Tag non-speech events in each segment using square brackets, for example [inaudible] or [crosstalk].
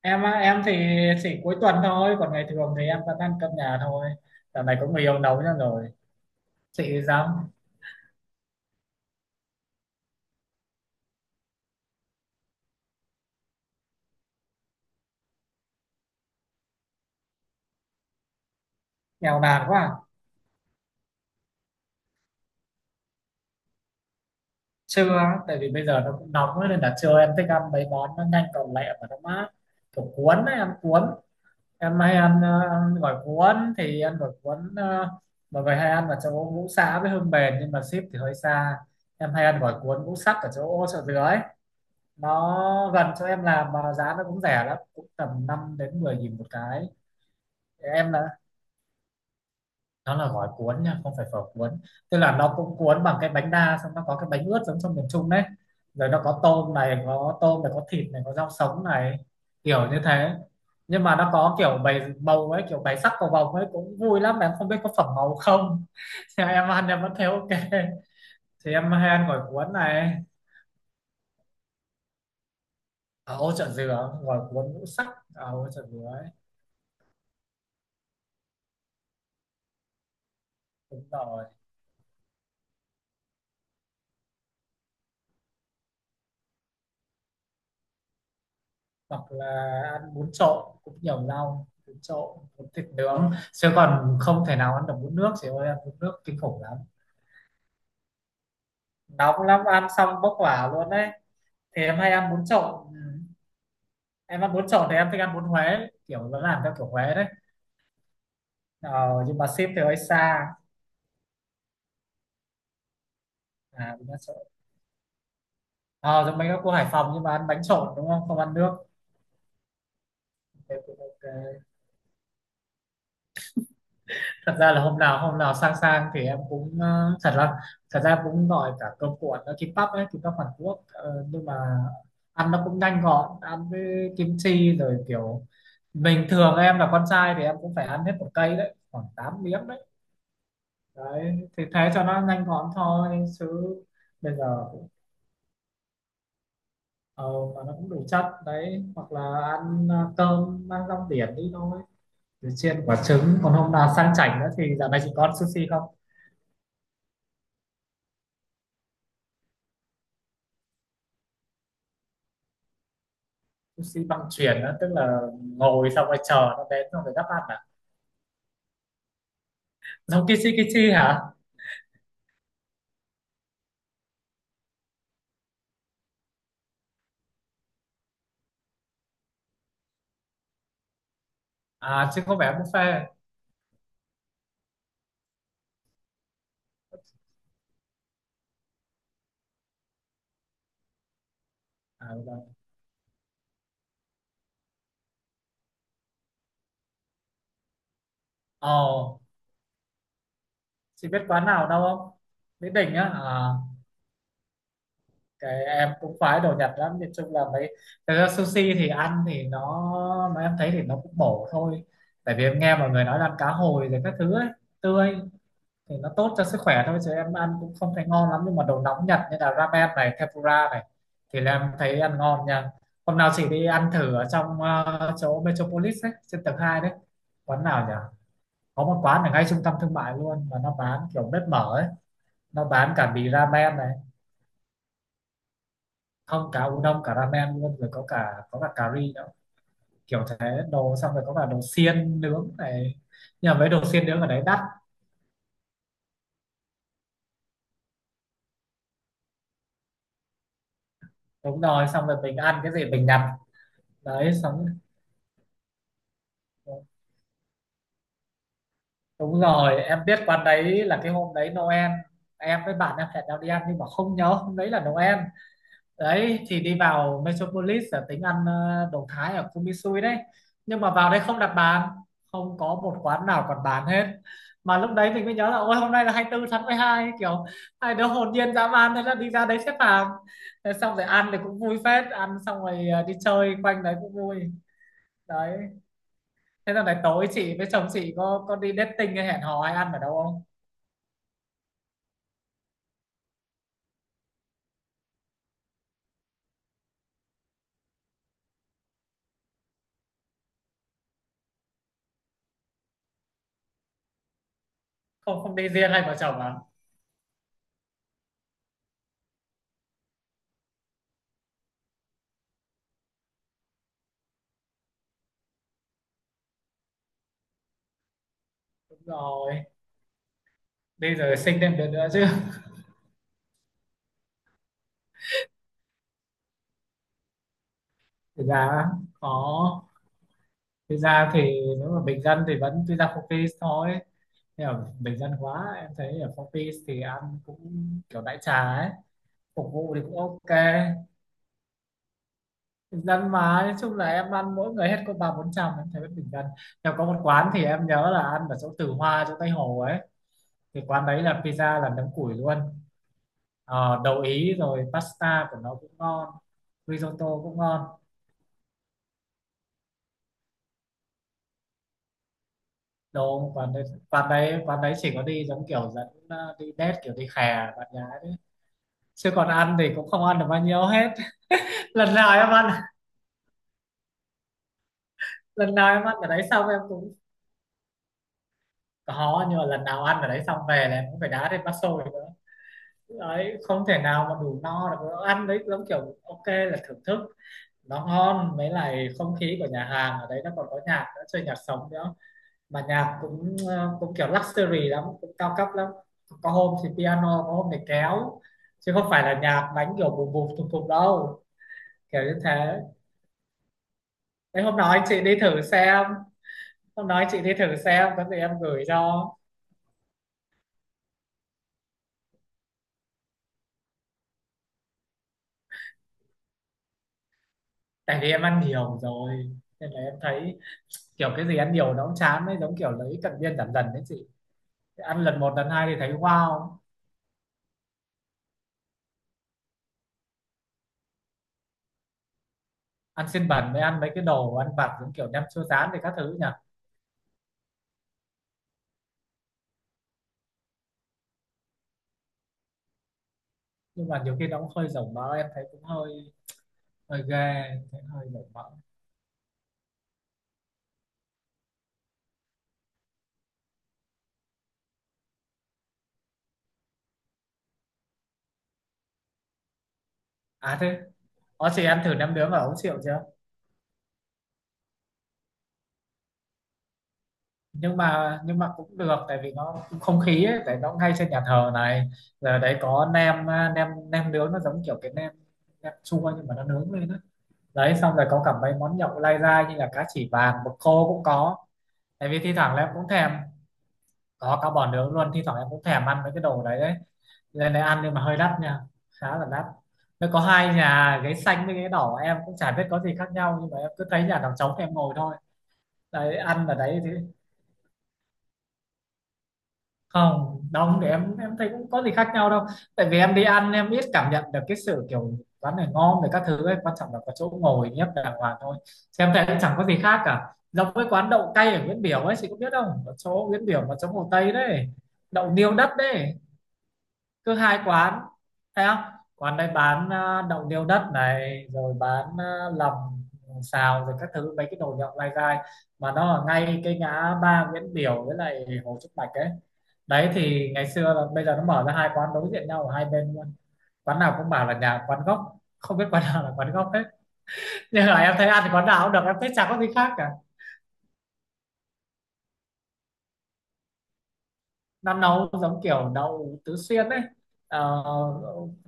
Em thì chỉ cuối tuần thôi, còn ngày thường thì em vẫn ăn cơm nhà thôi. Dạo này có người yêu nấu cho rồi. Chị dám nghèo nàn quá à. Trưa á, tại vì bây giờ nó cũng nóng ấy, nên là trưa em thích ăn mấy món nó nhanh gọn lẹ và nó mát, kiểu cuốn ấy, ăn cuốn. Em hay ăn ăn gỏi cuốn, thì ăn gỏi cuốn, mọi người hay ăn ở chỗ ngũ xã với Hương Bền nhưng mà ship thì hơi xa. Em hay ăn gỏi cuốn ngũ sắc ở chỗ chợ dừa ấy, nó gần chỗ em làm mà giá nó cũng rẻ lắm, cũng tầm 5 đến 10 nghìn một cái. Em là Nó là gói cuốn nha, không phải phở cuốn. Tức là nó cũng cuốn bằng cái bánh đa, xong nó có cái bánh ướt giống trong miền Trung đấy, rồi nó có tôm này, có tôm này, có thịt này, có rau sống này, kiểu như thế. Nhưng mà nó có kiểu bày màu ấy, kiểu bày sắc cầu vồng ấy, cũng vui lắm, mà em không biết có phẩm màu không. [laughs] Thế em ăn em vẫn thấy ok. Thì em hay ăn gỏi cuốn này ở ô chợ dừa, gỏi cuốn ngũ sắc ở ô chợ dừa ấy. Đúng rồi. Hoặc là ăn bún trộn cũng nhiều rau, bún trộn, bún thịt nướng, chứ còn không thể nào ăn được bún nước chị ơi, ăn bún nước kinh khủng lắm. Nóng lắm, ăn xong bốc hỏa luôn đấy. Thì em hay ăn bún trộn, ừ. Em ăn bún trộn thì em thích ăn bún Huế, kiểu nó làm theo kiểu Huế đấy. Ờ, nhưng mà ship thì hơi xa. À bún trộn, ờ giống mấy các cô Hải Phòng, nhưng mà ăn bánh trộn đúng không, không ăn nước. Thế cũng ok. Thật ra là hôm nào sang sang thì em cũng thật ra cũng gọi cả cơm cuộn, nó kimbap ấy, kimbap Hàn Quốc. Ờ, nhưng mà ăn nó cũng nhanh gọn, ăn với kim chi rồi, kiểu bình thường em là con trai thì em cũng phải ăn hết một cây đấy, khoảng 8 miếng đấy. Đấy, thì thế cho nó nhanh gọn thôi chứ. Bây giờ cũng, ờ, mà nó cũng đủ chất đấy. Hoặc là ăn cơm ăn rong biển đi thôi, rồi chiên quả trứng. Còn hôm nào sang chảnh nữa thì, dạo này chị có ăn sushi không? Sushi băng chuyền á, tức là ngồi xong rồi chờ nó đến xong rồi đắp ăn à? Giống Kichi Kichi hả? À chứ không phải buffet. À vâng. Ồ, chị biết quán nào đâu không? Mỹ Đình á, à, cái em cũng khoái đồ Nhật lắm, nhìn chung là mấy, thực ra sushi thì ăn thì nó, mà em thấy thì nó cũng bổ thôi, tại vì em nghe mọi người nói là ăn cá hồi rồi các thứ ấy, tươi, thì nó tốt cho sức khỏe thôi, chứ em ăn cũng không thấy ngon lắm. Nhưng mà đồ nóng Nhật như là ramen này, tempura này, thì là em thấy ăn ngon nha. Hôm nào chị đi ăn thử ở trong chỗ Metropolis ấy, trên tầng 2 đấy, quán nào nhỉ, có một quán ở ngay trung tâm thương mại luôn mà nó bán kiểu bếp mở ấy, nó bán cả mì ramen này, không, cả udon cả ramen luôn, rồi có cả, có cả cà ri nữa, kiểu thế, đồ, xong rồi có cả đồ xiên nướng này. Nhưng mà mấy đồ xiên nướng ở đấy đắt. Đúng rồi, xong rồi mình ăn cái gì mình nhặt. Đấy xong. Đúng rồi, em biết quán đấy là cái hôm đấy Noel. Em với bạn em hẹn nhau đi ăn nhưng mà không nhớ hôm đấy là Noel. Đấy thì đi vào Metropolis là tính ăn đồ Thái ở Kumisui đấy. Nhưng mà vào đây không đặt bàn, không có một quán nào còn bán hết. Mà lúc đấy mình mới nhớ là, ôi hôm nay là 24 tháng 12. Kiểu hai đứa hồn nhiên dã man, thế là đi ra đấy xếp hàng. Thế xong rồi ăn thì cũng vui phết. Ăn xong rồi đi chơi quanh đấy cũng vui. Đấy, thế là này tối chị với chồng chị có đi dating hay hẹn hò hay ăn ở đâu không? Không không đi riêng hay vợ chồng à? Đúng rồi, đi rồi sinh thêm đứa nữa chứ. Thực ra có, thực ra thì nếu mà bình dân thì vẫn tuy ra phong phí thôi, nhưng mà bình dân quá em thấy ở phong phí thì ăn cũng kiểu đại trà ấy, phục vụ thì cũng ok. Bình dân mà, nói chung là em ăn mỗi người hết có 3, 4 trăm, em thấy vẫn bình dân. Nhưng có một quán thì em nhớ là ăn ở chỗ Từ Hoa, chỗ Tây Hồ ấy, thì quán đấy là pizza là nấm củi luôn. Ờ, đậu Ý rồi pasta của nó cũng ngon, risotto cũng ngon. Đồ, quán đấy chỉ có đi giống kiểu dẫn đi date, kiểu đi khè bạn gái đấy, chứ còn ăn thì cũng không ăn được bao nhiêu hết. [laughs] lần nào em ăn lần nào em ăn ở đấy xong em cũng có, nhưng mà lần nào ăn ở đấy xong về là em cũng phải đá thêm bát xôi nữa. Đấy, không thể nào mà đủ no được, ăn đấy giống kiểu ok là thưởng thức. Nó ngon, mấy lại không khí của nhà hàng ở đấy nó còn có nhạc nữa, chơi nhạc sống nữa, mà nhạc cũng cũng kiểu luxury lắm, cũng cao cấp lắm. Có hôm thì piano, có hôm thì kéo, chứ không phải là nhạc đánh kiểu bùm bùm thùng thùng đâu, kiểu như thế. Đấy, hôm nào anh chị đi thử xem, hôm nào anh chị đi thử xem có gì em gửi cho. Tại vì em ăn nhiều rồi nên là em thấy kiểu cái gì ăn nhiều nó cũng chán ấy, giống kiểu lấy cận biên giảm dần đấy chị. Ăn lần một lần hai thì thấy wow. Ăn xiên bẩn mới ăn mấy cái đồ ăn vặt giống kiểu nem chua rán thì các thứ nhỉ. Nhưng mà nhiều khi nó cũng hơi rồng mỡ, em thấy cũng hơi hơi ghê, thấy hơi nổi mỡ. À thế, có chị ăn thử nem nướng ở Ấu Triệu chưa? Nhưng mà cũng được, tại vì nó cũng không khí ấy, tại nó ngay trên nhà thờ này. Giờ đấy có nem à, nem nem nướng, nó giống kiểu cái nem, nem chua nhưng mà nó nướng lên đó. Đấy, xong rồi có cả mấy món nhậu lai dai như là cá chỉ vàng, mực khô cũng có, tại vì thi thoảng là em cũng thèm, có cá bò nướng luôn. Thi thoảng em cũng thèm ăn mấy cái đồ đấy đấy, lên đây ăn nhưng mà hơi đắt nha, khá là đắt. Nó có hai nhà, ghế xanh với ghế đỏ, em cũng chả biết có gì khác nhau nhưng mà em cứ thấy nhà nào trống thì em ngồi thôi. Đấy, ăn ở đấy thì không, đông thì em thấy cũng có gì khác nhau đâu. Tại vì em đi ăn em ít cảm nhận được cái sự kiểu quán này ngon về các thứ ấy, quan trọng là có chỗ ngồi nhấp đàng hoàng thôi. Chứ em thấy cũng chẳng có gì khác cả. Giống với quán đậu cay ở Nguyễn Biểu ấy, chị có biết không, ở chỗ Nguyễn Biểu mà chỗ Hồ Tây đấy, đậu niêu đất đấy. Cứ hai quán, thấy không, quán đây bán đậu niêu đất này, rồi bán lòng xào rồi các thứ, mấy cái đồ nhậu lai gai, mà nó ở ngay cái ngã ba Nguyễn Biểu với lại Hồ Trúc Bạch ấy. Đấy thì ngày xưa là, bây giờ nó mở ra hai quán đối diện nhau ở hai bên luôn, quán nào cũng bảo là nhà quán gốc, không biết quán nào là quán gốc hết. Nhưng mà em thấy ăn thì quán nào cũng được, em thấy chả có gì khác cả. Nó nấu giống kiểu đậu tứ xuyên đấy. Ờ,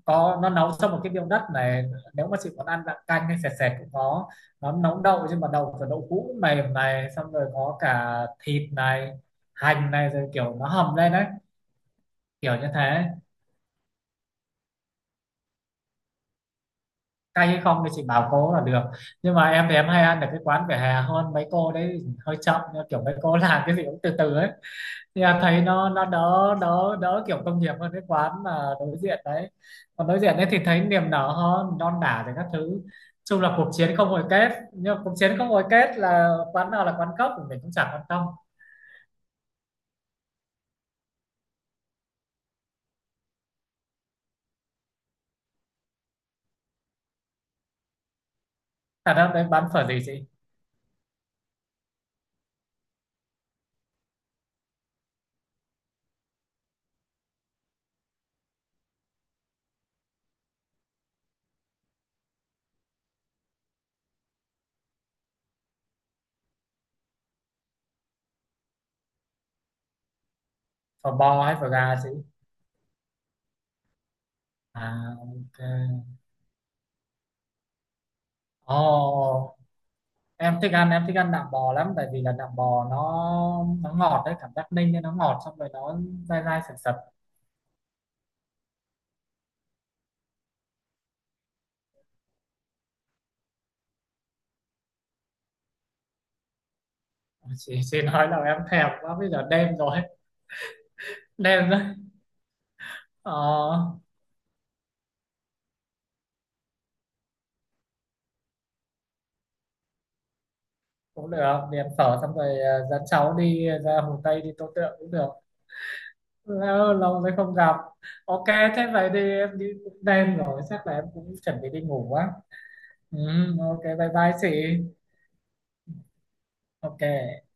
có, nó nấu trong một cái miếng đất này, nếu mà chị muốn ăn dạng canh hay sệt sệt cũng có. Nó nấu đậu nhưng mà đậu kiểu đậu hũ mềm này, xong rồi có cả thịt này, hành này, rồi kiểu nó hầm lên đấy, kiểu như thế. Cay hay không thì chị bảo cô là được. Nhưng mà em thì em hay ăn ở cái quán vỉa hè hơn, mấy cô đấy hơi chậm nhưng kiểu mấy cô làm cái gì cũng từ từ ấy, thì thấy nó đỡ đỡ đỡ kiểu công nghiệp hơn cái quán mà đối diện đấy. Còn đối diện đấy thì thấy niềm nở hơn, non đả thì các thứ, chung là cuộc chiến không hồi kết, nhưng mà cuộc chiến không hồi kết là quán nào là quán cốc thì mình cũng chẳng quan tâm. Thật ra đấy bán phở gì chị? Phở bò hay phở gà chị? À ok. Ồ, em thích ăn, em thích ăn nạm bò lắm, tại vì là nạm bò nó ngọt đấy, cảm giác ninh nên nó ngọt, xong rồi nó dai dai sật sật. Chị nói là em thèm quá, bây giờ đêm rồi, đêm rồi. Ờ, cũng được, đi ăn phở xong rồi dẫn cháu đi ra Hồ Tây đi Tô Tượng cũng được. Lâu, lâu rồi không gặp. Ok. Thế vậy thì em đi, cũng đêm rồi chắc là em cũng chuẩn bị đi ngủ quá. Ừ, ok, bye bye chị. Ok.